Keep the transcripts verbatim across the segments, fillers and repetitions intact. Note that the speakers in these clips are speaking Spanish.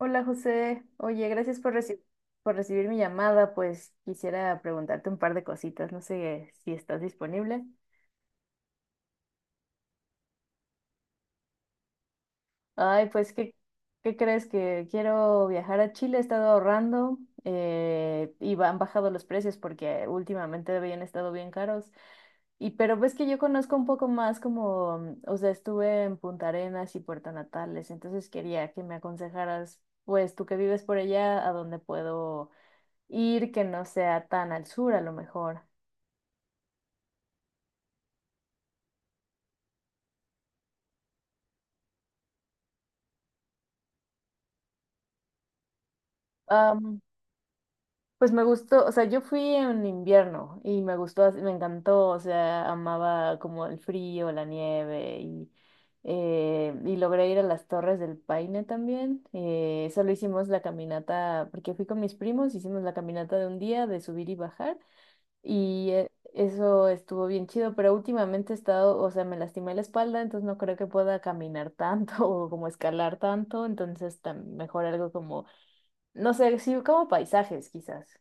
Hola José, oye, gracias por reci- por recibir mi llamada, pues quisiera preguntarte un par de cositas, no sé si estás disponible. Ay, pues, ¿qué, ¿qué crees? Que quiero viajar a Chile, he estado ahorrando eh, y ba- han bajado los precios porque últimamente habían estado bien caros. Y pero ves que yo conozco un poco más como, mm, o sea, estuve en Punta Arenas y Puerto Natales, entonces quería que me aconsejaras, pues tú que vives por allá, a dónde puedo ir que no sea tan al sur a lo mejor. Am, pues me gustó, o sea, yo fui en invierno y me gustó, as- me encantó, o sea, amaba como el frío, la nieve y, eh, y logré ir a las Torres del Paine también. Eh, solo hicimos la caminata, porque fui con mis primos, hicimos la caminata de un día de subir y bajar. Y eh, eso estuvo bien chido, pero últimamente he estado, o sea, me lastimé la espalda, entonces no creo que pueda caminar tanto o como escalar tanto, entonces tam- mejor algo como, no sé, sí, como paisajes quizás.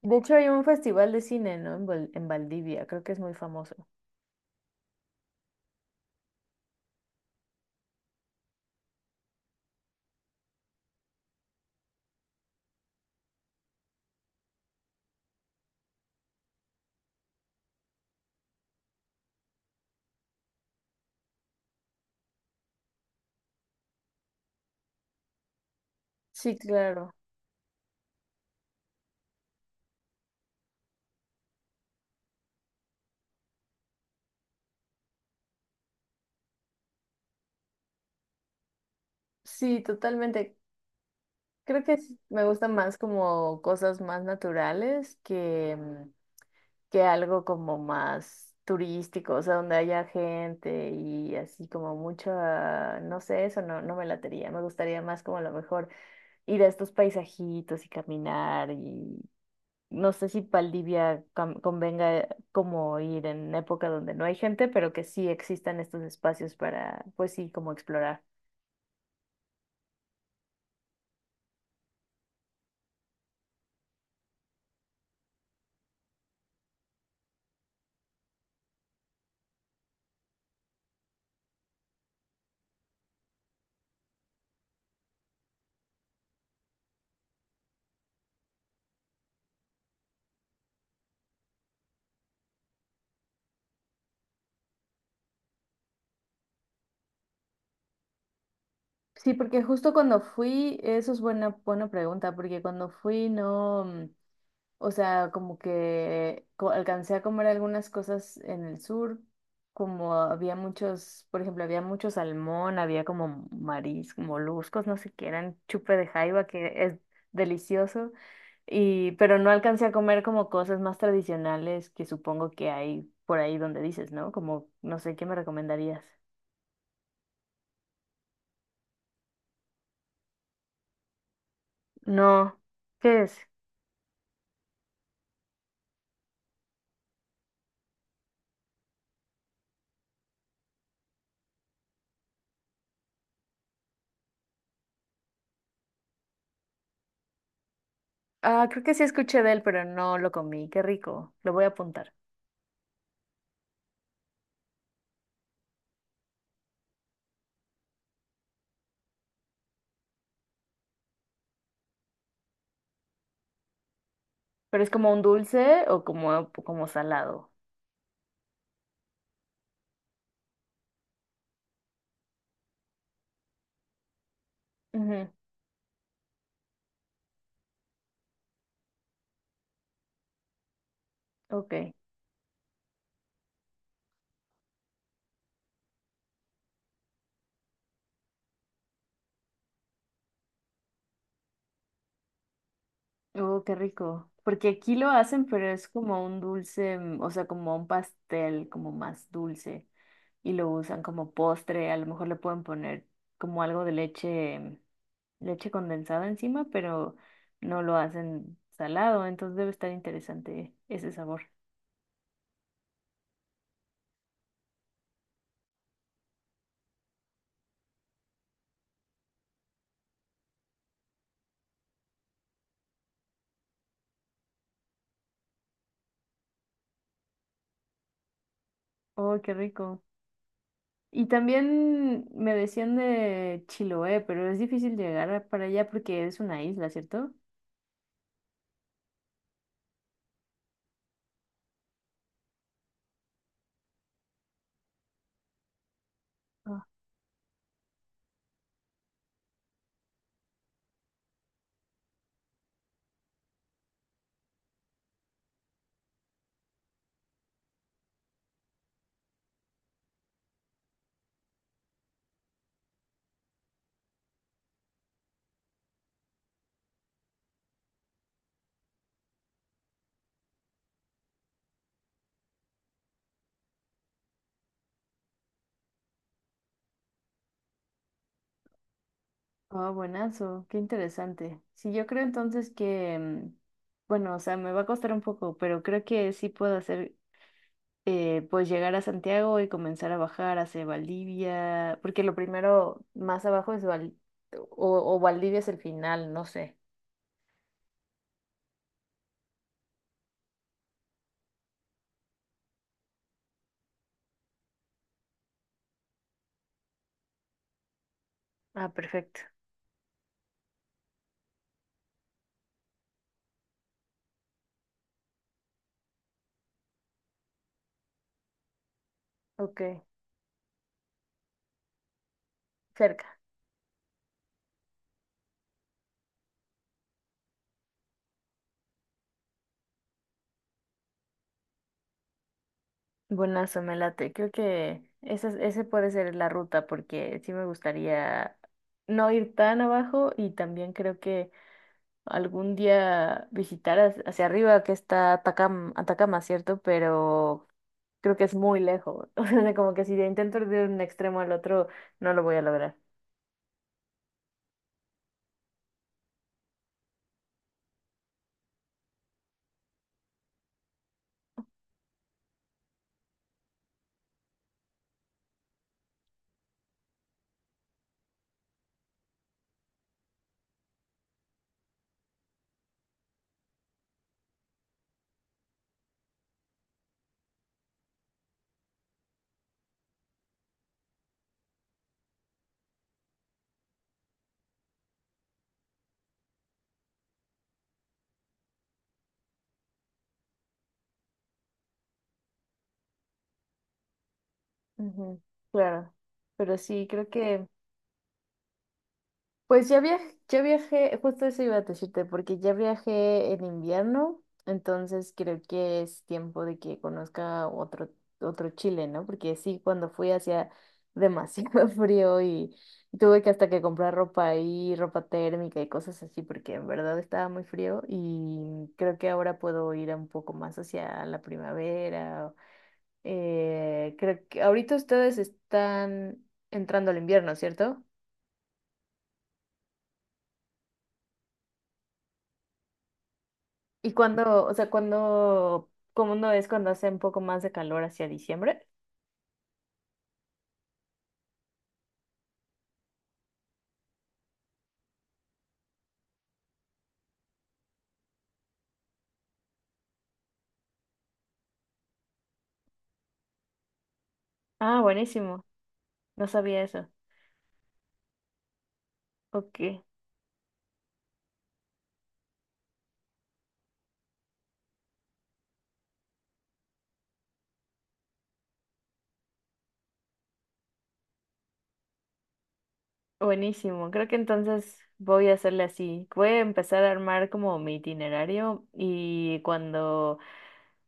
De hecho hay un festival de cine, ¿no? En, Val- en Valdivia, creo que es muy famoso. Sí, claro. Sí, totalmente. Creo que sí, me gustan más como cosas más naturales que, que algo como más turístico, o sea, donde haya gente y así como mucha, no sé, eso no, no me latería, me gustaría más como a lo mejor ir a estos paisajitos y caminar y no sé si Valdivia cam- convenga como ir en época donde no hay gente, pero que sí existan estos espacios para, pues sí, como explorar. Sí, porque justo cuando fui, eso es buena, buena pregunta, porque cuando fui no... O sea, como que co- alcancé a comer algunas cosas en el sur, como había muchos, por ejemplo, había mucho salmón, había como mariscos, moluscos, no sé qué, eran chupe de jaiba, que es delicioso, y, pero no alcancé a comer como cosas más tradicionales que supongo que hay por ahí donde dices, ¿no? Como, no sé, ¿qué me recomendarías? No, ¿qué es? Ah, creo que sí escuché de él, pero no lo comí, qué rico, lo voy a apuntar. Pero es como un dulce o como, como salado. Ujú, ok. Oh, qué rico. Porque aquí lo hacen, pero es como un dulce, mm, o sea, como un pastel, como más dulce. Y lo usan como postre. A lo mejor le pueden poner como algo de leche, mm, leche condensada encima, pero no lo hacen salado. Entonces debe estar interesante ese sabor. Oh, qué rico. Y también me decían de Chiloé, pero es difícil llegar a- para allá porque es una isla, ¿cierto? Ah. Ah, buenazo, qué interesante. Sí, yo creo entonces que, mm, bueno, o sea, me va a costar un poco, pero creo que sí puedo hacer, eh, pues llegar a Santiago y comenzar a bajar hacia Valdivia, porque lo primero más abajo es Val, o, o Valdivia es el final, no sé. Ah, perfecto. Ok, cerca. Buenazo, me late. Creo que esa, es- ese puede ser la ruta porque sí me gustaría no ir tan abajo y también creo que algún día visitar hacia hacia arriba que está Atacama, Atacama, ¿cierto? Pero creo que es muy lejos. O sea, como que si intento ir de un extremo al otro, no lo voy a lograr. Ujú, claro, pero sí, creo que... Pues ya viajé, ya viajé, justo eso iba a decirte, porque ya viajé en invierno, entonces creo que es tiempo de que conozca otro, otro Chile, ¿no? Porque sí, cuando fui hacía demasiado frío y tuve que hasta que comprar ropa ahí, ropa térmica y cosas así, porque en verdad estaba muy frío y creo que ahora puedo ir un poco más hacia la primavera. Eh, creo que ahorita ustedes están entrando al invierno, ¿cierto? ¿Y cuándo, o sea, cuándo, cómo no es cuando hace un poco más de calor hacia diciembre? Ah, buenísimo. No sabía eso. Ok, buenísimo. Creo que entonces voy a hacerle así. Voy a empezar a armar como mi itinerario y cuando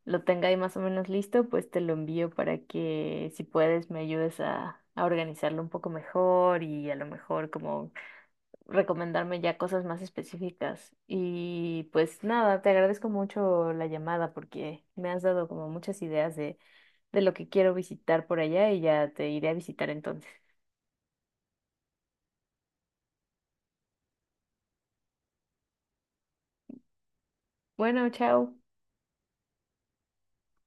lo tenga ahí más o menos listo, pues te lo envío para que si puedes me ayudes a, a organizarlo un poco mejor y a lo mejor como recomendarme ya cosas más específicas. Y pues nada, te agradezco mucho la llamada porque me has dado como muchas ideas de, de lo que quiero visitar por allá y ya te iré a visitar entonces. Bueno, chao.